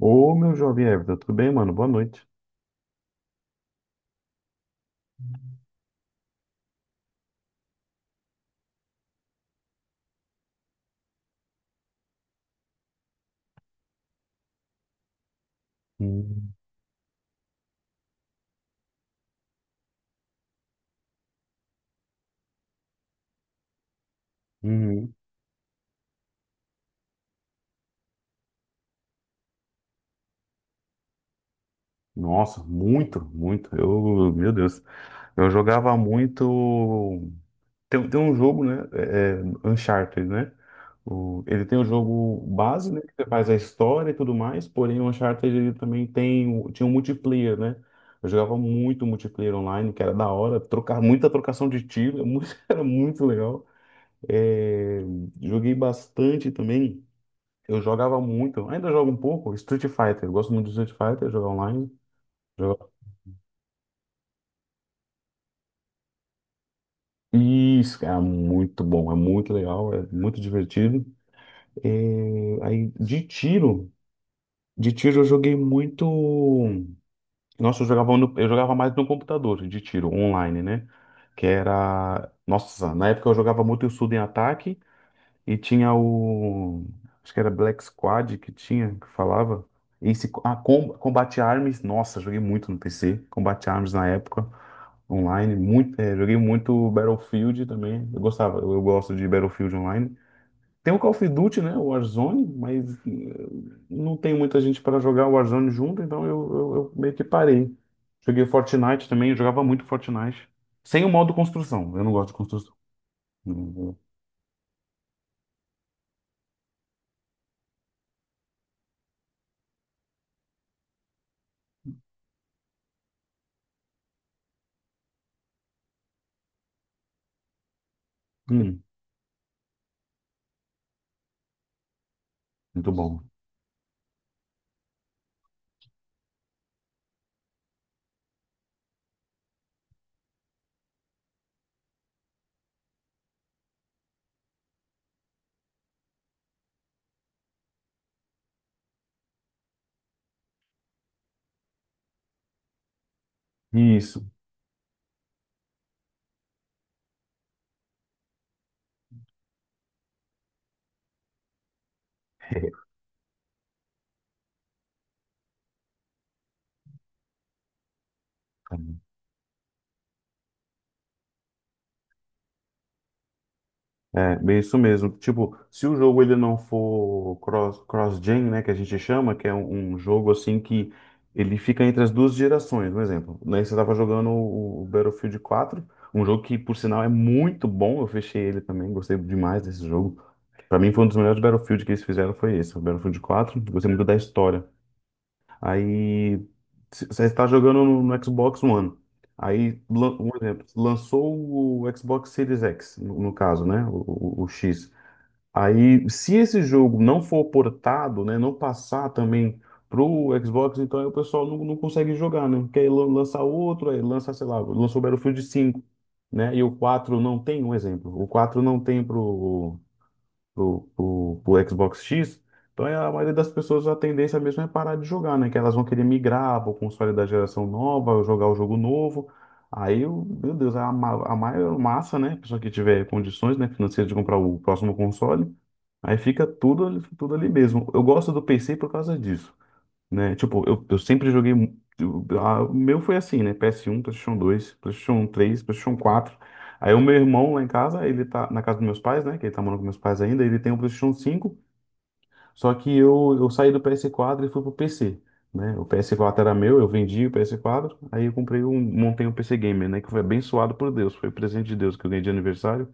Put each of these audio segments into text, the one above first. Ô, meu jovem Everton, tudo bem, mano? Boa noite. Hum, uhum. Nossa, muito, muito. Eu, meu Deus, eu jogava muito. Tem um jogo, né? Uncharted, né? Ele tem o jogo base, né? Que você faz a história e tudo mais, porém o Uncharted ele também tem, tinha um multiplayer, né? Eu jogava muito multiplayer online, que era da hora, trocar, muita trocação de tiro, era muito legal. É, joguei bastante também. Eu jogava muito, ainda jogo um pouco, Street Fighter. Eu gosto muito de Street Fighter, jogar online. jogar- Isso, é muito bom, é muito legal, é muito divertido. É, aí, de tiro eu joguei muito. Nossa, eu jogava, eu jogava mais no computador, de tiro, online, né? Que era. Nossa, na época eu jogava muito Suda em Ataque. E tinha o. Acho que era Black Squad que tinha, que falava. Esse, ah, Combate Arms. Nossa, joguei muito no PC. Combate Arms na época, online. Muito, joguei muito Battlefield também. Eu gostava, eu gosto de Battlefield online. Tem o Call of Duty, né? O Warzone, mas não tem muita gente para jogar o Warzone junto, então eu meio que parei. Joguei Fortnite também, eu jogava muito Fortnite. Sem o modo construção, eu não gosto de construção. Hum, hum, muito bom. Isso. É, bem isso mesmo. Tipo, se o jogo ele não for cross, cross-gen, né, que a gente chama, que é um jogo assim que ele fica entre as duas gerações, por exemplo. Né, você estava jogando o Battlefield quatro, um jogo que, por sinal, é muito bom. Eu fechei ele também, gostei demais desse jogo. Para mim, foi um dos melhores Battlefield que eles fizeram, foi esse, o Battlefield quatro. Gostei muito da história. Aí você está jogando no Xbox One. Aí, um exemplo, lançou o Xbox Series X, no caso, né? O X. Aí, se esse jogo não for portado, né? Não passar também pro Xbox, então aí o pessoal não consegue jogar, né? Porque aí lança outro, aí lança, sei lá, lançou o Battlefield cinco, né? E o 4 não tem, um exemplo. O 4 não tem pro pro Xbox X, então é, a maioria das pessoas a tendência mesmo é parar de jogar, né? Que elas vão querer migrar para o console da geração nova, jogar o jogo novo. Aí, meu Deus, a maior massa, né? Pessoa que tiver condições, né, financeiras de comprar o próximo console, aí fica tudo, tudo ali mesmo. Eu gosto do PC por causa disso, né? Tipo, eu sempre joguei. O meu foi assim, né? PS1, PlayStation 2, PlayStation 3, PlayStation 4. Aí o meu irmão lá em casa, ele tá na casa dos meus pais, né? Que ele tá morando com meus pais ainda, ele tem o PlayStation 5, só que eu saí do PS4 e fui pro PC, né? O PS4 era meu, eu vendi o PS4, aí eu comprei um, montei um PC Gamer, né? Que foi abençoado por Deus, foi presente de Deus que eu ganhei de aniversário.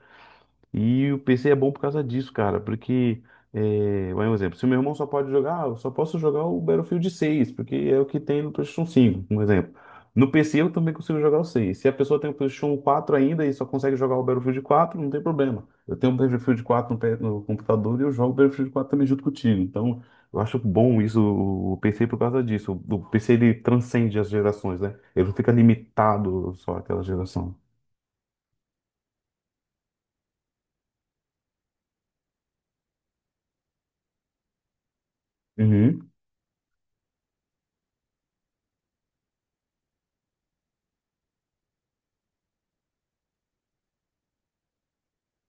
E o PC é bom por causa disso, cara, porque, é, vai um exemplo, se o meu irmão só pode jogar, ah, eu só posso jogar o Battlefield 6, porque é o que tem no PlayStation 5, um exemplo. No PC eu também consigo jogar o 6. Se a pessoa tem o PlayStation quatro ainda e só consegue jogar o Battlefield 4, não tem problema. Eu tenho o Battlefield 4 no, no computador e eu jogo o Battlefield 4 também junto contigo. Então, eu acho bom isso, o PC, por causa disso. O PC, ele transcende as gerações, né? Ele não fica limitado só àquela geração. Uhum.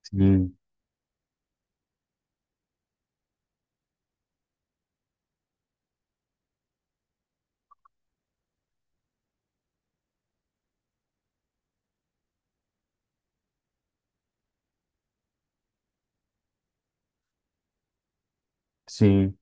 Sim, sim.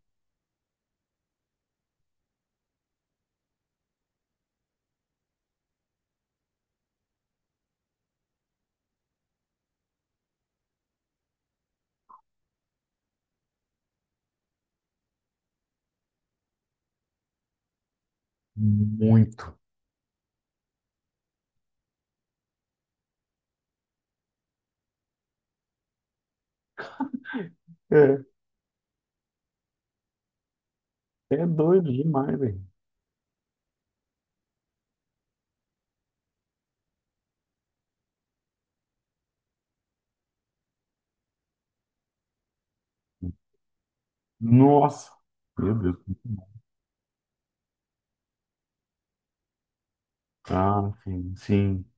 Muito. É, é doido demais, velho. Nossa, meu Deus. Ah, sim, sim.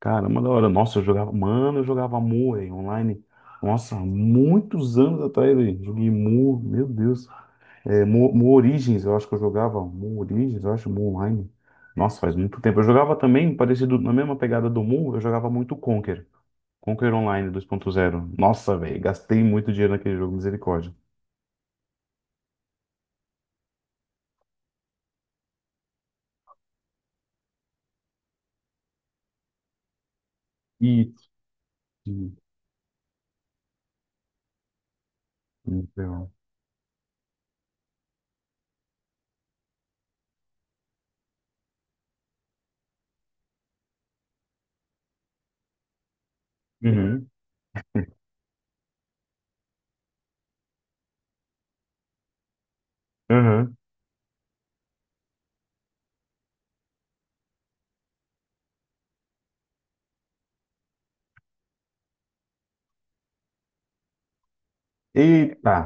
Caramba, da hora. Nossa, eu jogava. Mano, eu jogava mu, velho, online. Nossa, muitos anos atrás, velho. Joguei mu, meu Deus. É, mu, mu Origins, eu acho que eu jogava. Mu Origins, eu acho, mu online. Nossa, faz muito tempo. Eu jogava também, parecido, na mesma pegada do mu, eu jogava muito Conquer. Conquer Online dois ponto zero. Nossa, velho, gastei muito dinheiro naquele jogo, misericórdia. Isso. Então. Uhum. E, tá,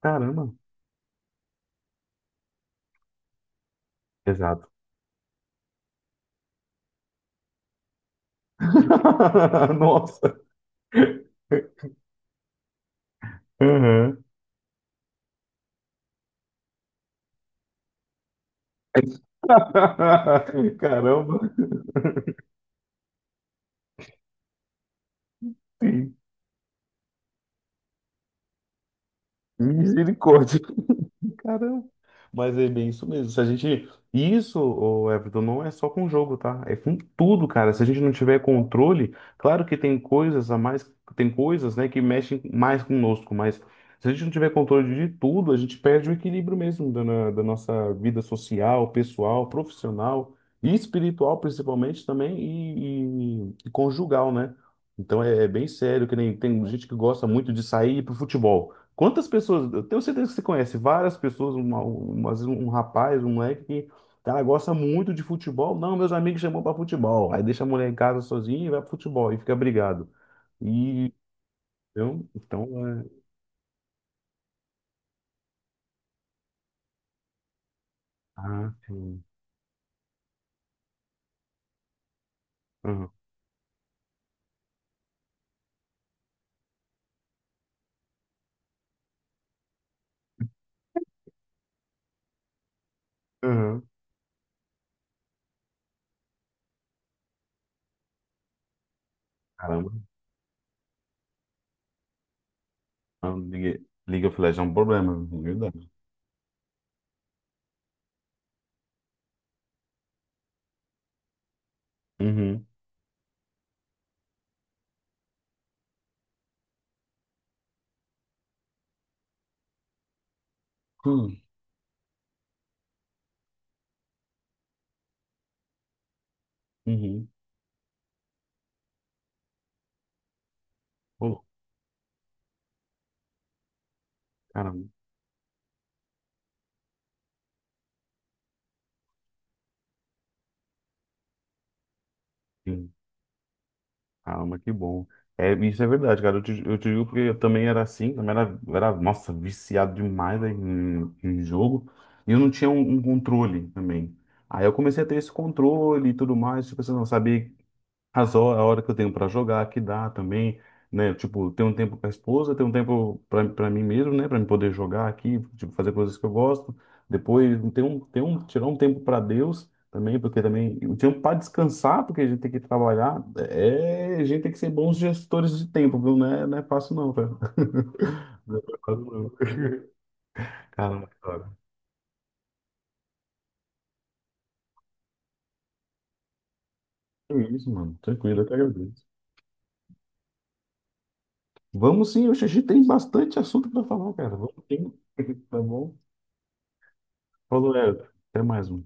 caramba, exato. Nossa. Uhum. Caramba. Sim. Misericórdia. Caramba. Mas é bem isso mesmo. Se a gente. Isso, ô Everton, não é só com jogo, tá? É com tudo, cara. Se a gente não tiver controle, claro que tem coisas a mais, tem coisas, né, que mexem mais conosco, mas se a gente não tiver controle de tudo, a gente perde o equilíbrio mesmo da nossa vida social, pessoal, profissional e espiritual, principalmente também, e conjugal, né? Então é, é bem sério, que nem tem gente que gosta muito de sair para o futebol. Quantas pessoas, eu tenho certeza que você conhece várias pessoas, às vezes um rapaz, um moleque que, cara, gosta muito de futebol. Não, meus amigos chamam pra futebol. Aí deixa a mulher em casa sozinha e vai pro futebol e fica brigado. E eu, então, é... Ah, sim. Aham. Aham. Caramba. Ah, League League of Legends é um problema, viu? Uhum. Hum. Uhum. Pô, caramba. Caramba, que bom. É, isso é verdade, cara. Eu te digo porque eu também era assim, também era, nossa, viciado demais em, em jogo. E eu não tinha um controle também. Aí eu comecei a ter esse controle e tudo mais, tipo assim, eu não sabia as horas, a hora que eu tenho para jogar, que dá também, né? Tipo, ter um tempo com a esposa, ter um tempo para mim mesmo, né? Para me poder jogar aqui, tipo, fazer coisas que eu gosto. Depois, ter um, tirar um tempo para Deus também, porque também o tempo para descansar, porque a gente tem que trabalhar, é, a gente tem que ser bons gestores de tempo, viu? Não é fácil não, cara. Não é fácil não. Caramba, cara. É isso, mano. Tranquilo, eu que agradeço. Vamos sim, hoje a gente tem bastante assunto para falar, cara. Vamos sim. Tá bom? Falou, Leandro. Até mais um.